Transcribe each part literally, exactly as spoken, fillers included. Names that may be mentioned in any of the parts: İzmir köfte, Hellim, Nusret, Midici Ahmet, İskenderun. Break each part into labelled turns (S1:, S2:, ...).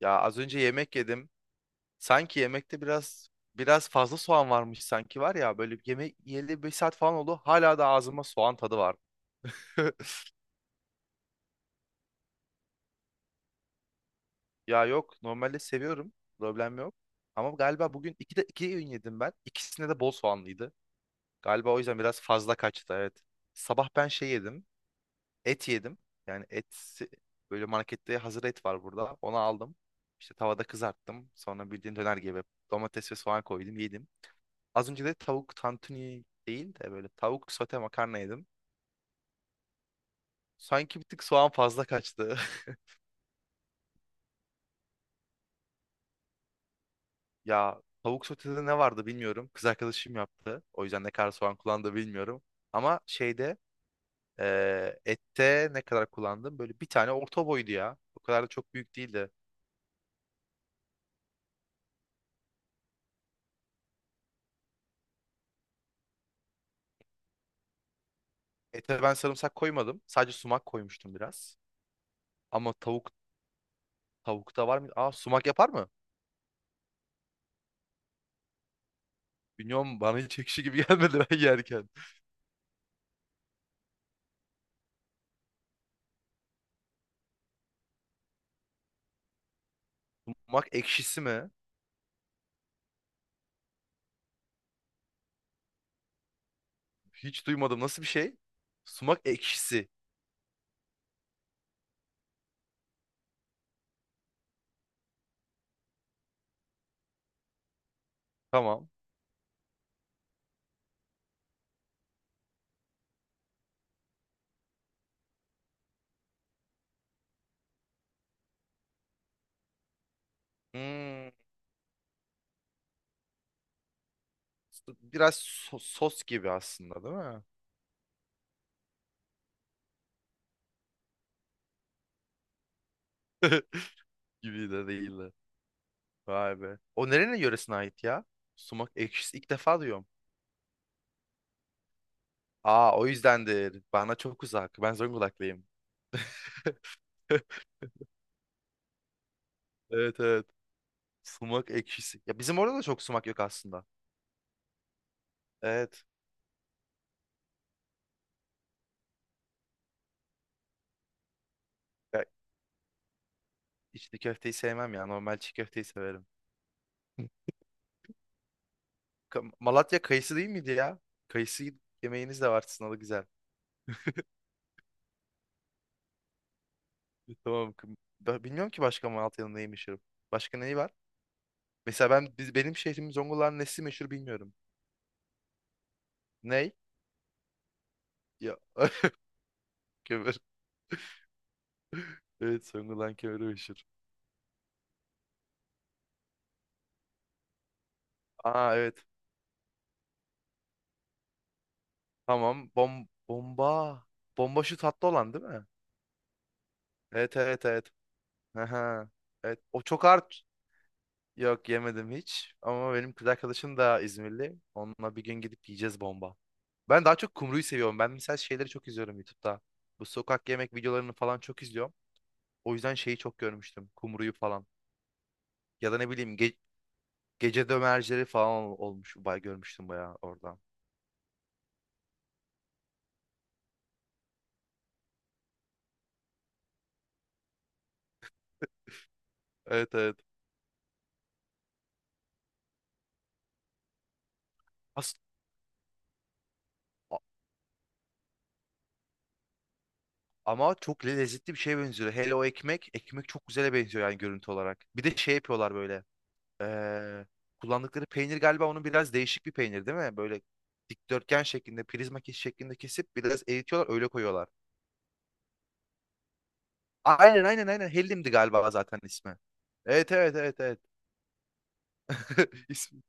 S1: Ya, az önce yemek yedim. Sanki yemekte biraz biraz fazla soğan varmış sanki. Var ya, böyle bir yemek yiyeli beş saat falan oldu. Hala da ağzıma soğan tadı var. Ya yok, normalde seviyorum. Problem yok. Ama galiba bugün iki de iki öğün yedim ben. İkisinde de bol soğanlıydı. Galiba o yüzden biraz fazla kaçtı, evet. Sabah ben şey yedim. Et yedim. Yani et böyle, markette hazır et var burada. Onu aldım. İşte tavada kızarttım. Sonra bildiğin döner gibi domates ve soğan koydum, yedim. Az önce de tavuk tantuni değil de böyle tavuk sote makarna yedim. Sanki bir tık soğan fazla kaçtı. Ya tavuk sotede ne vardı bilmiyorum. Kız arkadaşım yaptı. O yüzden ne kadar soğan kullandı bilmiyorum. Ama şeyde eee, ette ne kadar kullandım? Böyle bir tane orta boydu ya. O kadar da çok büyük değildi. Ete ben sarımsak koymadım. Sadece sumak koymuştum biraz. Ama tavuk Tavukta var mı? Aa, sumak yapar mı? Bilmiyorum, bana hiç ekşi gibi gelmedi ben yerken. Sumak ekşisi mi? Hiç duymadım. Nasıl bir şey? Sumak ekşisi. Tamam. Hmm, biraz so- sos gibi aslında değil mi? Gibi de değil de. Vay be. O nerenin yöresine ait ya? Sumak ekşisi. İlk defa duyuyorum. Aa, o yüzdendir. Bana çok uzak. Ben Zonguldaklıyım. Evet evet. Sumak ekşisi. Ya bizim orada da çok sumak yok aslında. Evet. Ya, içli köfteyi sevmem ya. Normal çiğ köfteyi severim. Ka- Malatya kayısı değil miydi ya? Kayısı yemeğiniz de var sizin, o da güzel. Tamam. Kım- Da, bilmiyorum ki başka Malatya'nın neyi meşhur. Başka neyi var? Mesela ben biz, benim şehrim Zonguldak'ın nesi meşhur bilmiyorum. Ney? Ya, kömür. Evet, Zonguldak kömürü meşhur. Aa, evet. Tamam. Bom bomba. Bomba şu tatlı olan değil mi? Evet evet evet. Aha. Evet. O çok art. Yok, yemedim hiç. Ama benim kız arkadaşım da İzmirli. Onunla bir gün gidip yiyeceğiz bomba. Ben daha çok kumruyu seviyorum. Ben mesela şeyleri çok izliyorum YouTube'da. Bu sokak yemek videolarını falan çok izliyorum. O yüzden şeyi çok görmüştüm, Kumru'yu falan. Ya da ne bileyim, ge- gece dömercileri falan ol- olmuş. Bay, görmüştüm bayağı oradan. Evet evet. As a- ama çok le- lezzetli bir şeye benziyor. Hele o ekmek. Ekmek çok güzele benziyor yani, görüntü olarak. Bir de şey yapıyorlar böyle. Ee, kullandıkları peynir galiba onun, biraz değişik bir peynir değil mi? Böyle dikdörtgen şeklinde, prizma kes- şeklinde kesip biraz eritiyorlar, öyle koyuyorlar. Aynen aynen aynen. Hellim'di galiba zaten ismi. Evet evet evet evet. İsmi.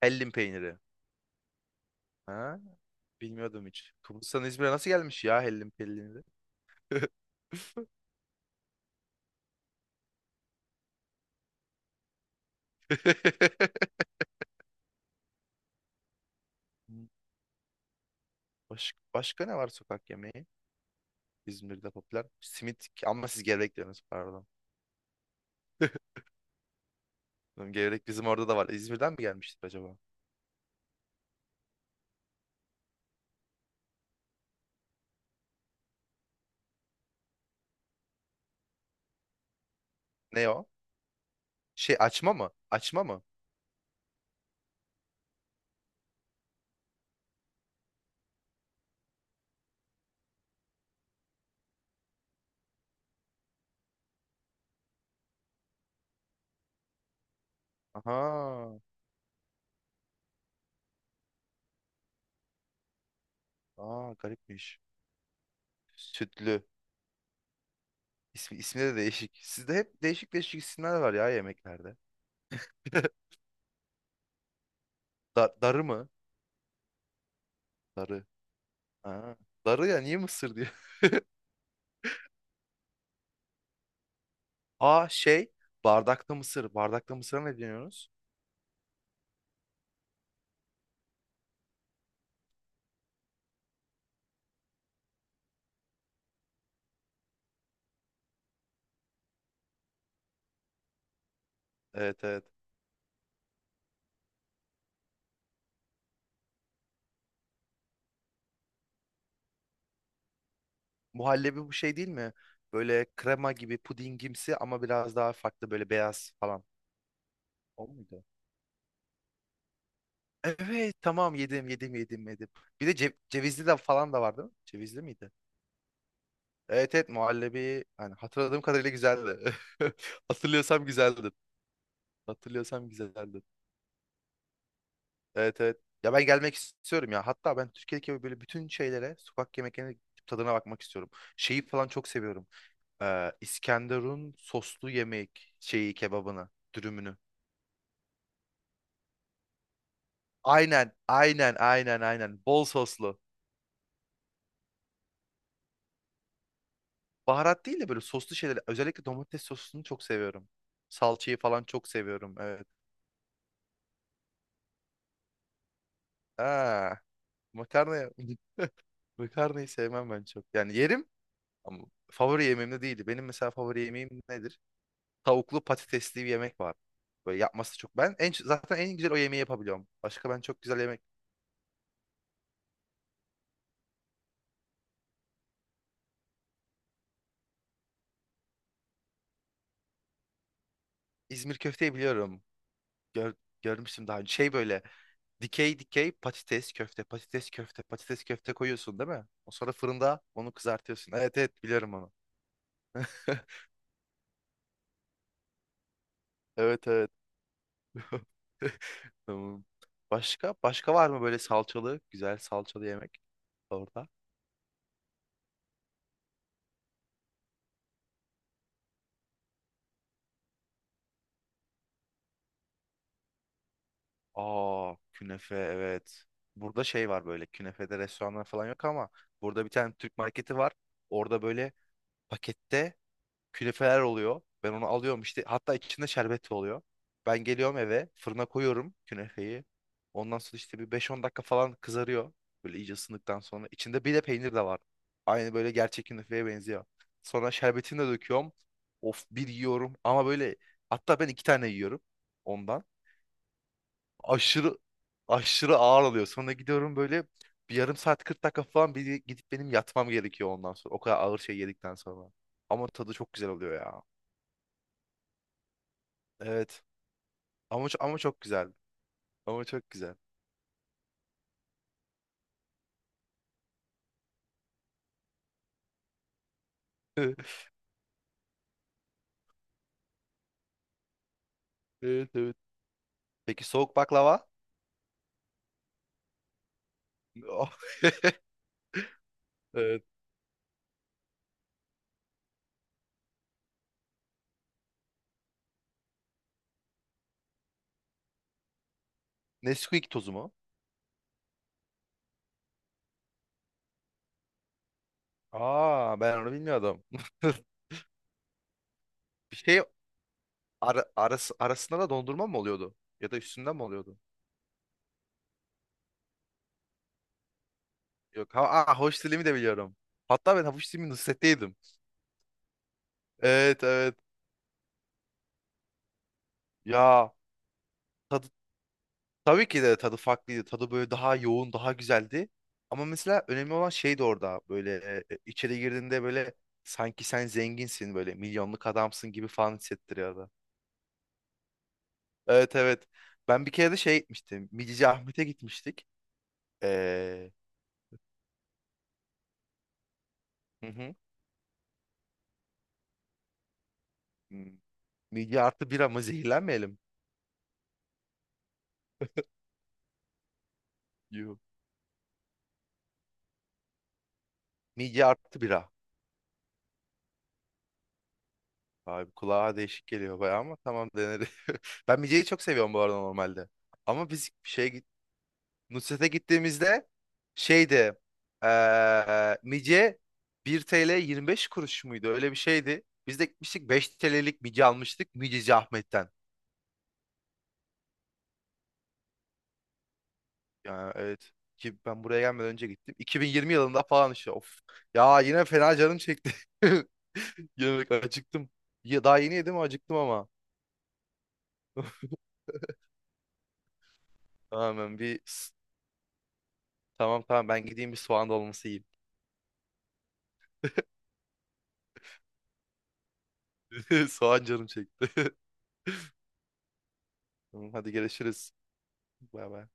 S1: Hellim peyniri. Ha? Bilmiyordum hiç. Kıbrıs'tan İzmir'e nasıl gelmiş ya hellim pellini de? Baş- başka ne var sokak yemeği? İzmir'de popüler. Simit, ama siz gevrek diyorsunuz, pardon. Oğlum, gevrek bizim orada da var. İzmir'den mi gelmiştir acaba? Ne o? Şey, açma mı? Açma mı? Aha. Aa, garipmiş. Sütlü. İsmi, ismi de değişik. Sizde hep değişik değişik isimler var ya yemeklerde. Da- darı mı? Darı. Aa, darı ya niye mısır diyor. Aa, şey, bardakta mısır. Bardakta mısıra ne deniyoruz? Evet evet. Muhallebi bu şey değil mi? Böyle krema gibi, pudingimsi ama biraz daha farklı, böyle beyaz falan. O muydu? Evet tamam, yedim yedim yedim yedim. Bir de ce- cevizli de falan da vardı. Cevizli miydi? Evet evet, muhallebi yani, hatırladığım kadarıyla güzeldi. Hatırlıyorsam güzeldi. Hatırlıyorsam güzeldi. Evet evet. Ya ben gelmek istiyorum ya. Hatta ben Türkiye'deki böyle bütün şeylere, sokak yemeklerine tadına bakmak istiyorum. Şeyi falan çok seviyorum. e, İskenderun soslu yemek şeyi, kebabını, dürümünü. Aynen, aynen, aynen, aynen. Bol soslu. Baharat değil de böyle soslu şeyler. Özellikle domates sosunu çok seviyorum. Salçayı falan çok seviyorum. Evet. Aa, makarna makarnayı sevmem ben çok. Yani yerim ama favori yemeğim de değildi. Benim mesela favori yemeğim nedir? Tavuklu patatesli bir yemek var. Böyle yapması çok. Ben en, zaten en güzel o yemeği yapabiliyorum. Başka ben çok güzel yemek. İzmir köfteyi biliyorum. gör, görmüştüm daha önce. Şey böyle dikey dikey patates köfte, patates köfte, patates köfte koyuyorsun değil mi? O sonra fırında onu kızartıyorsun. Evet evet, biliyorum onu. Evet evet. Tamam. Başka? Başka var mı böyle salçalı, güzel salçalı yemek orada? Aa, künefe, evet. Burada şey var, böyle künefede restoranlar falan yok ama burada bir tane Türk marketi var. Orada böyle pakette künefeler oluyor. Ben onu alıyorum işte. Hatta içinde şerbet oluyor. Ben geliyorum eve, fırına koyuyorum künefeyi. Ondan sonra işte bir beş on dakika falan kızarıyor. Böyle iyice ısındıktan sonra. İçinde bir de peynir de var. Aynı böyle gerçek künefeye benziyor. Sonra şerbetini de döküyorum. Of, bir yiyorum ama böyle, hatta ben iki tane yiyorum ondan. Aşırı aşırı ağır oluyor. Sonra gidiyorum, böyle bir yarım saat kırk dakika falan bir gidip benim yatmam gerekiyor ondan sonra. O kadar ağır şey yedikten sonra. Ama tadı çok güzel oluyor ya. Evet. Ama ço- ama çok güzel. Ama çok güzel. Evet evet. Peki, soğuk baklava? Oh, evet. Nesquik tozu mu? Aa, ben onu bilmiyordum. Bir şey ara, arası, arasında da dondurma mı oluyordu? Ya da üstünden mi oluyordu? Yok. Ha, aa, havuç dilimi de biliyorum. Hatta ben havuç dilimi Nusret'te yedim. Evet evet. Ya tadı Tabii ki de tadı farklıydı. Tadı böyle daha yoğun, daha güzeldi. Ama mesela önemli olan şey de orada. Böyle, e, içeri girdiğinde böyle sanki sen zenginsin, böyle milyonluk adamsın gibi falan hissettiriyordu. Evet evet. Ben bir kere de şey gitmiştim, Midici Ahmet'e gitmiştik. Ee, hı hı. Hmm. Midye artı bira mı, zehirlenmeyelim? Yuh. Midye artı bira. Abi, kulağa değişik geliyor bayağı ama tamam, deneriz. Ben midyeyi çok seviyorum bu arada, normalde. Ama biz şeye git- Nusret'e gittiğimizde şeydi, eee mice bir T L yirmi beş kuruş muydu? Öyle bir şeydi. Biz de gitmiştik beş T L'lik mice almıştık Miceci Ahmet'ten. Yani evet, ki ben buraya gelmeden önce gittim. iki bin yirmi yılında falan işte, of. Ya yine fena canım çekti. Yemek, acıktım. Ya daha yeni yedim, acıktım ama. Tamamen bir tamam tamam, ben gideyim bir soğan dolması yiyeyim. Soğan canım çekti. Tamam, hadi görüşürüz. Bay bay.